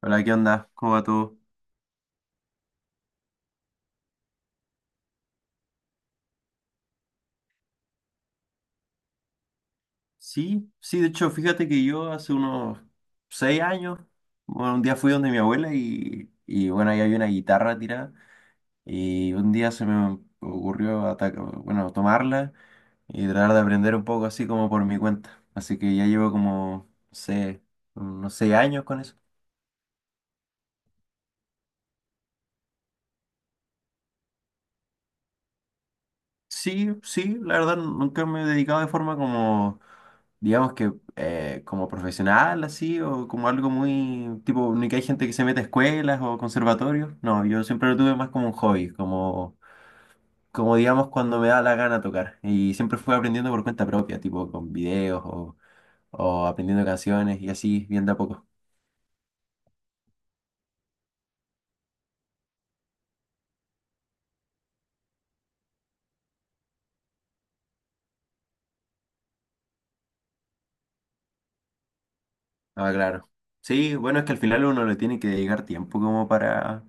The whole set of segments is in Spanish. Hola, ¿qué onda? ¿Cómo va todo? Sí, sí, de hecho, fíjate que yo hace unos 6 años, bueno, un día fui donde mi abuela y bueno, ahí había una guitarra tirada y un día se me ocurrió bueno, tomarla y tratar de aprender un poco así como por mi cuenta. Así que ya llevo como, no sé, unos 6 años con eso. Sí, sí, la verdad nunca me he dedicado de forma como digamos que como profesional así o como algo muy tipo, ni que hay gente que se mete a escuelas o conservatorios. No, yo siempre lo tuve más como un hobby, como, como digamos cuando me da la gana tocar. Y siempre fui aprendiendo por cuenta propia, tipo con videos o aprendiendo canciones y así, bien de a poco. Ah, claro. Sí, bueno, es que al final uno le tiene que dedicar tiempo como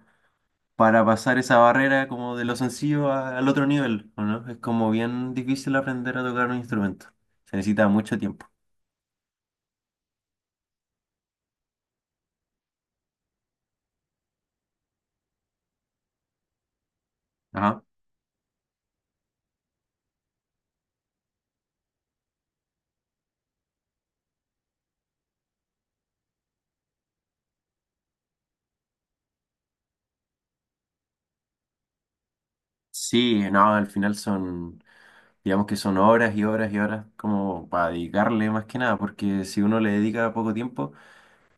para pasar esa barrera como de lo sencillo al otro nivel, ¿o no? Es como bien difícil aprender a tocar un instrumento. Se necesita mucho tiempo. Ajá. Sí, no, al final son, digamos que son horas y horas y horas como para dedicarle más que nada, porque si uno le dedica poco tiempo,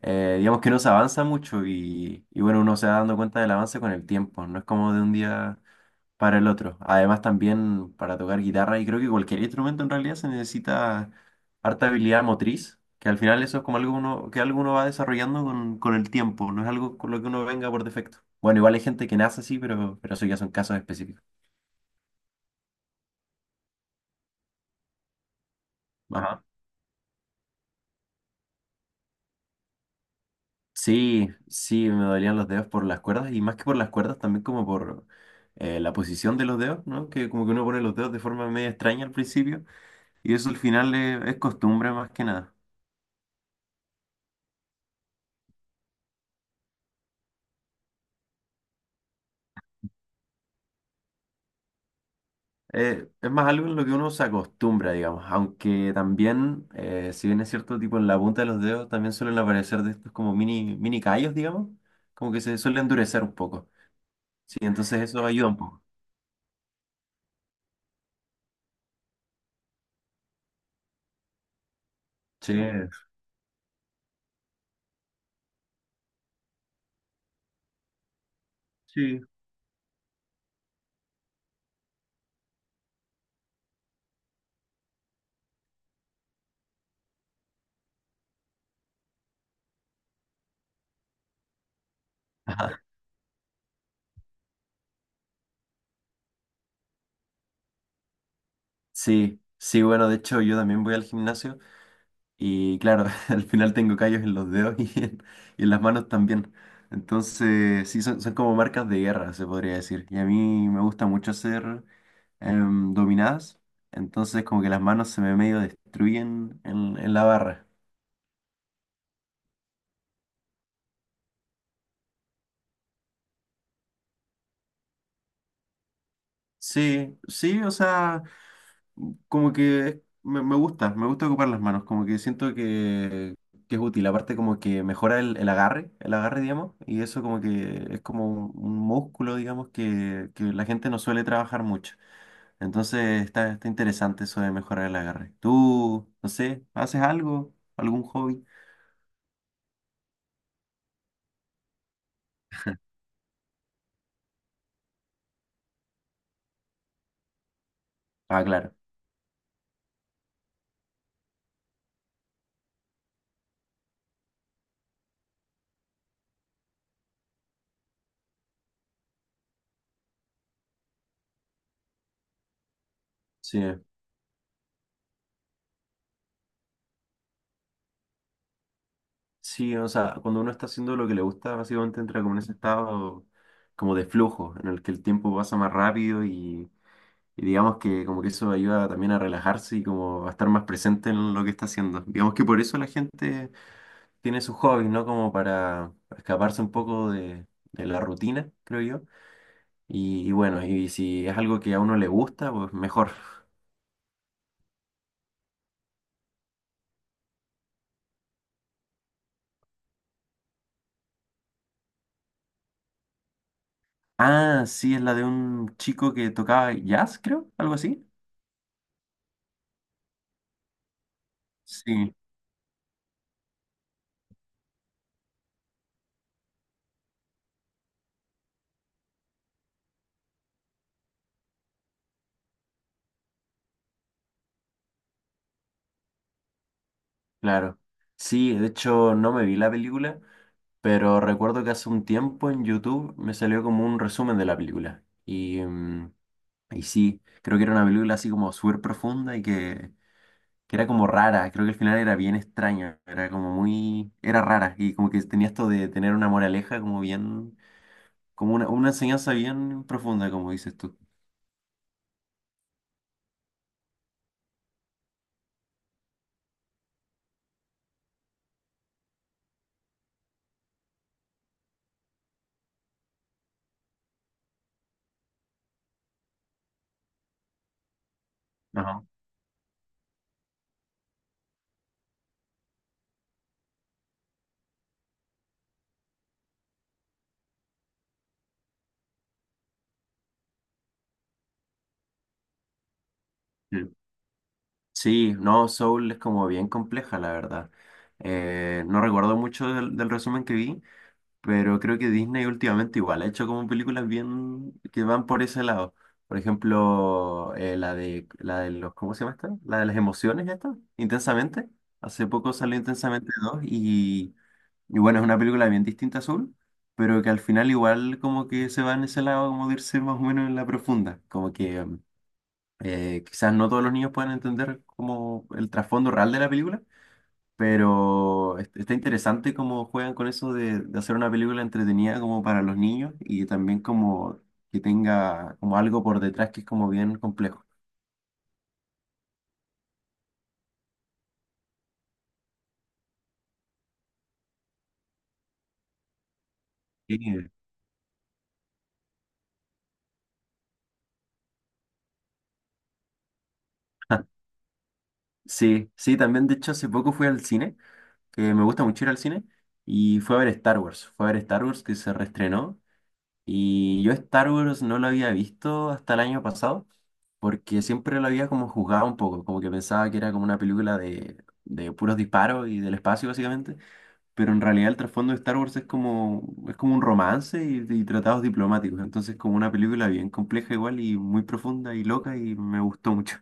digamos que no se avanza mucho y bueno, uno se va dando cuenta del avance con el tiempo, no es como de un día para el otro. Además también para tocar guitarra y creo que cualquier instrumento en realidad se necesita harta habilidad motriz, que al final eso es como algo uno, que algo uno va desarrollando con el tiempo, no es algo con lo que uno venga por defecto. Bueno, igual hay gente que nace así, pero eso ya son casos específicos. Sí, sí, me dolían los dedos por las cuerdas y más que por las cuerdas también como por la posición de los dedos, ¿no? Que como que uno pone los dedos de forma medio extraña al principio y eso al final es costumbre más que nada. Es más algo en lo que uno se acostumbra, digamos, aunque también, si bien es cierto, tipo en la punta de los dedos también suelen aparecer de estos como mini callos, digamos, como que se suele endurecer un poco. Sí, entonces eso ayuda un poco. Sí, sí. Sí, sí, bueno, de hecho yo también voy al gimnasio. Y claro, al final tengo callos en los dedos y en las manos también. Entonces, sí, son como marcas de guerra, se podría decir. Y a mí me gusta mucho hacer dominadas. Entonces, como que las manos se me medio destruyen en la barra. Sí, sí, o sea, como que me gusta ocupar las manos, como que siento que es útil, aparte como que mejora el agarre, digamos, y eso como que es como un músculo, digamos, que la gente no suele trabajar mucho. Entonces está, está interesante eso de mejorar el agarre. ¿Tú, no sé, haces algo, algún hobby? Ah, claro, sí. Sí, o sea, cuando uno está haciendo lo que le gusta, básicamente entra como en ese estado como de flujo, en el que el tiempo pasa más rápido y Y digamos que como que eso ayuda también a relajarse y como a estar más presente en lo que está haciendo. Digamos que por eso la gente tiene sus hobbies, ¿no? Como para escaparse un poco de la rutina, creo yo. Y bueno, y si es algo que a uno le gusta, pues mejor. Ah, sí, es la de un chico que tocaba jazz, creo, algo así. Sí, claro. Sí, de hecho no me vi la película, pero recuerdo que hace un tiempo en YouTube me salió como un resumen de la película. Y, Y sí, creo que era una película así como súper profunda y que era como rara. Creo que al final era bien extraña. Era como muy... Era rara. Y como que tenía esto de tener una moraleja como bien... Como una enseñanza bien profunda, como dices tú. Ajá. Sí, sí, no, Soul es como bien compleja, la verdad. No recuerdo mucho del resumen que vi, pero creo que Disney últimamente igual ha hecho como películas bien que van por ese lado. Por ejemplo, la de los, ¿cómo se llama esta? La de las emociones esta, Intensamente. Hace poco salió Intensamente dos y bueno, es una película bien distinta a Soul, pero que al final igual como que se va en ese lado como de irse más o menos en la profunda. Como que quizás no todos los niños puedan entender como el trasfondo real de la película, pero está interesante cómo juegan con eso de hacer una película entretenida como para los niños y también como que tenga como algo por detrás que es como bien complejo. Sí, sí, sí, también de hecho hace poco fui al cine, que me gusta mucho ir al cine, y fue a ver Star Wars, fue a ver Star Wars que se reestrenó y yo Star Wars no lo había visto hasta el año pasado porque siempre lo había como juzgado un poco, como que pensaba que era como una película de puros disparos y del espacio básicamente. Pero en realidad el trasfondo de Star Wars es es como un romance y tratados diplomáticos, entonces como una película bien compleja igual y muy profunda y loca y me gustó mucho.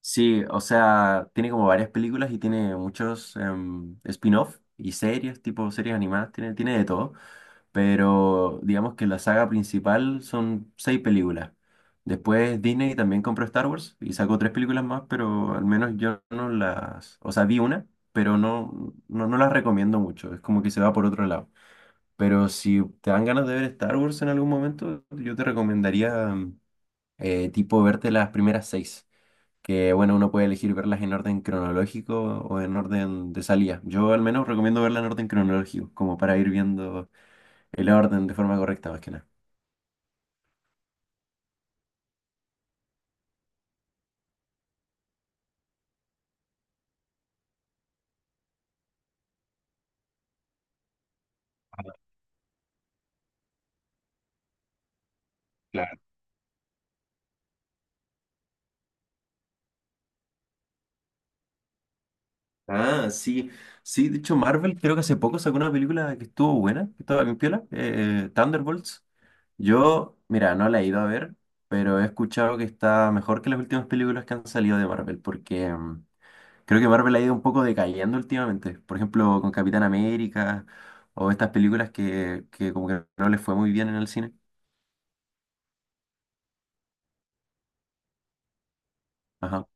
Sí, o sea, tiene como varias películas y tiene muchos spin-off y series, tipo series animadas, tiene de todo. Pero digamos que la saga principal son seis películas. Después Disney también compró Star Wars y sacó tres películas más, pero al menos yo no las, o sea, vi una, pero no las recomiendo mucho, es como que se va por otro lado. Pero si te dan ganas de ver Star Wars en algún momento, yo te recomendaría tipo verte las primeras seis que bueno, uno puede elegir verlas en orden cronológico o en orden de salida. Yo al menos recomiendo verlas en orden cronológico, como para ir viendo el orden de forma correcta más que nada. Claro. Ah, sí, sí, de hecho Marvel creo que hace poco sacó una película que estuvo buena, que estaba bien piola, Thunderbolts. Yo, mira, no la he ido a ver, pero he escuchado que está mejor que las últimas películas que han salido de Marvel, porque creo que Marvel ha ido un poco decayendo últimamente. Por ejemplo, con Capitán América o estas películas que como que no les fue muy bien en el cine. Ajá.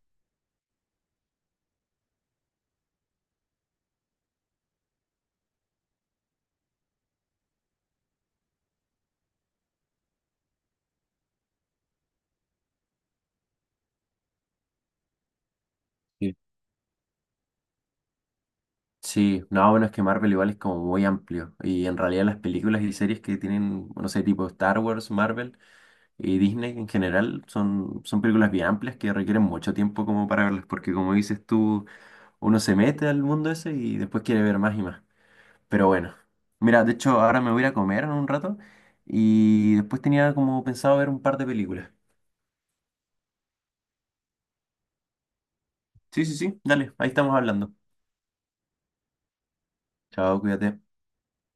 Sí. Sí, no, bueno, es que Marvel igual es como muy amplio. Y en realidad las películas y series que tienen, no sé, tipo Star Wars, Marvel y Disney en general, son películas bien amplias que requieren mucho tiempo como para verlas. Porque como dices tú, uno se mete al mundo ese y después quiere ver más y más. Pero bueno, mira, de hecho ahora me voy a ir a comer en un rato y después tenía como pensado ver un par de películas. Sí, sí, sí, dale, ahí estamos hablando. Chao, cuídate.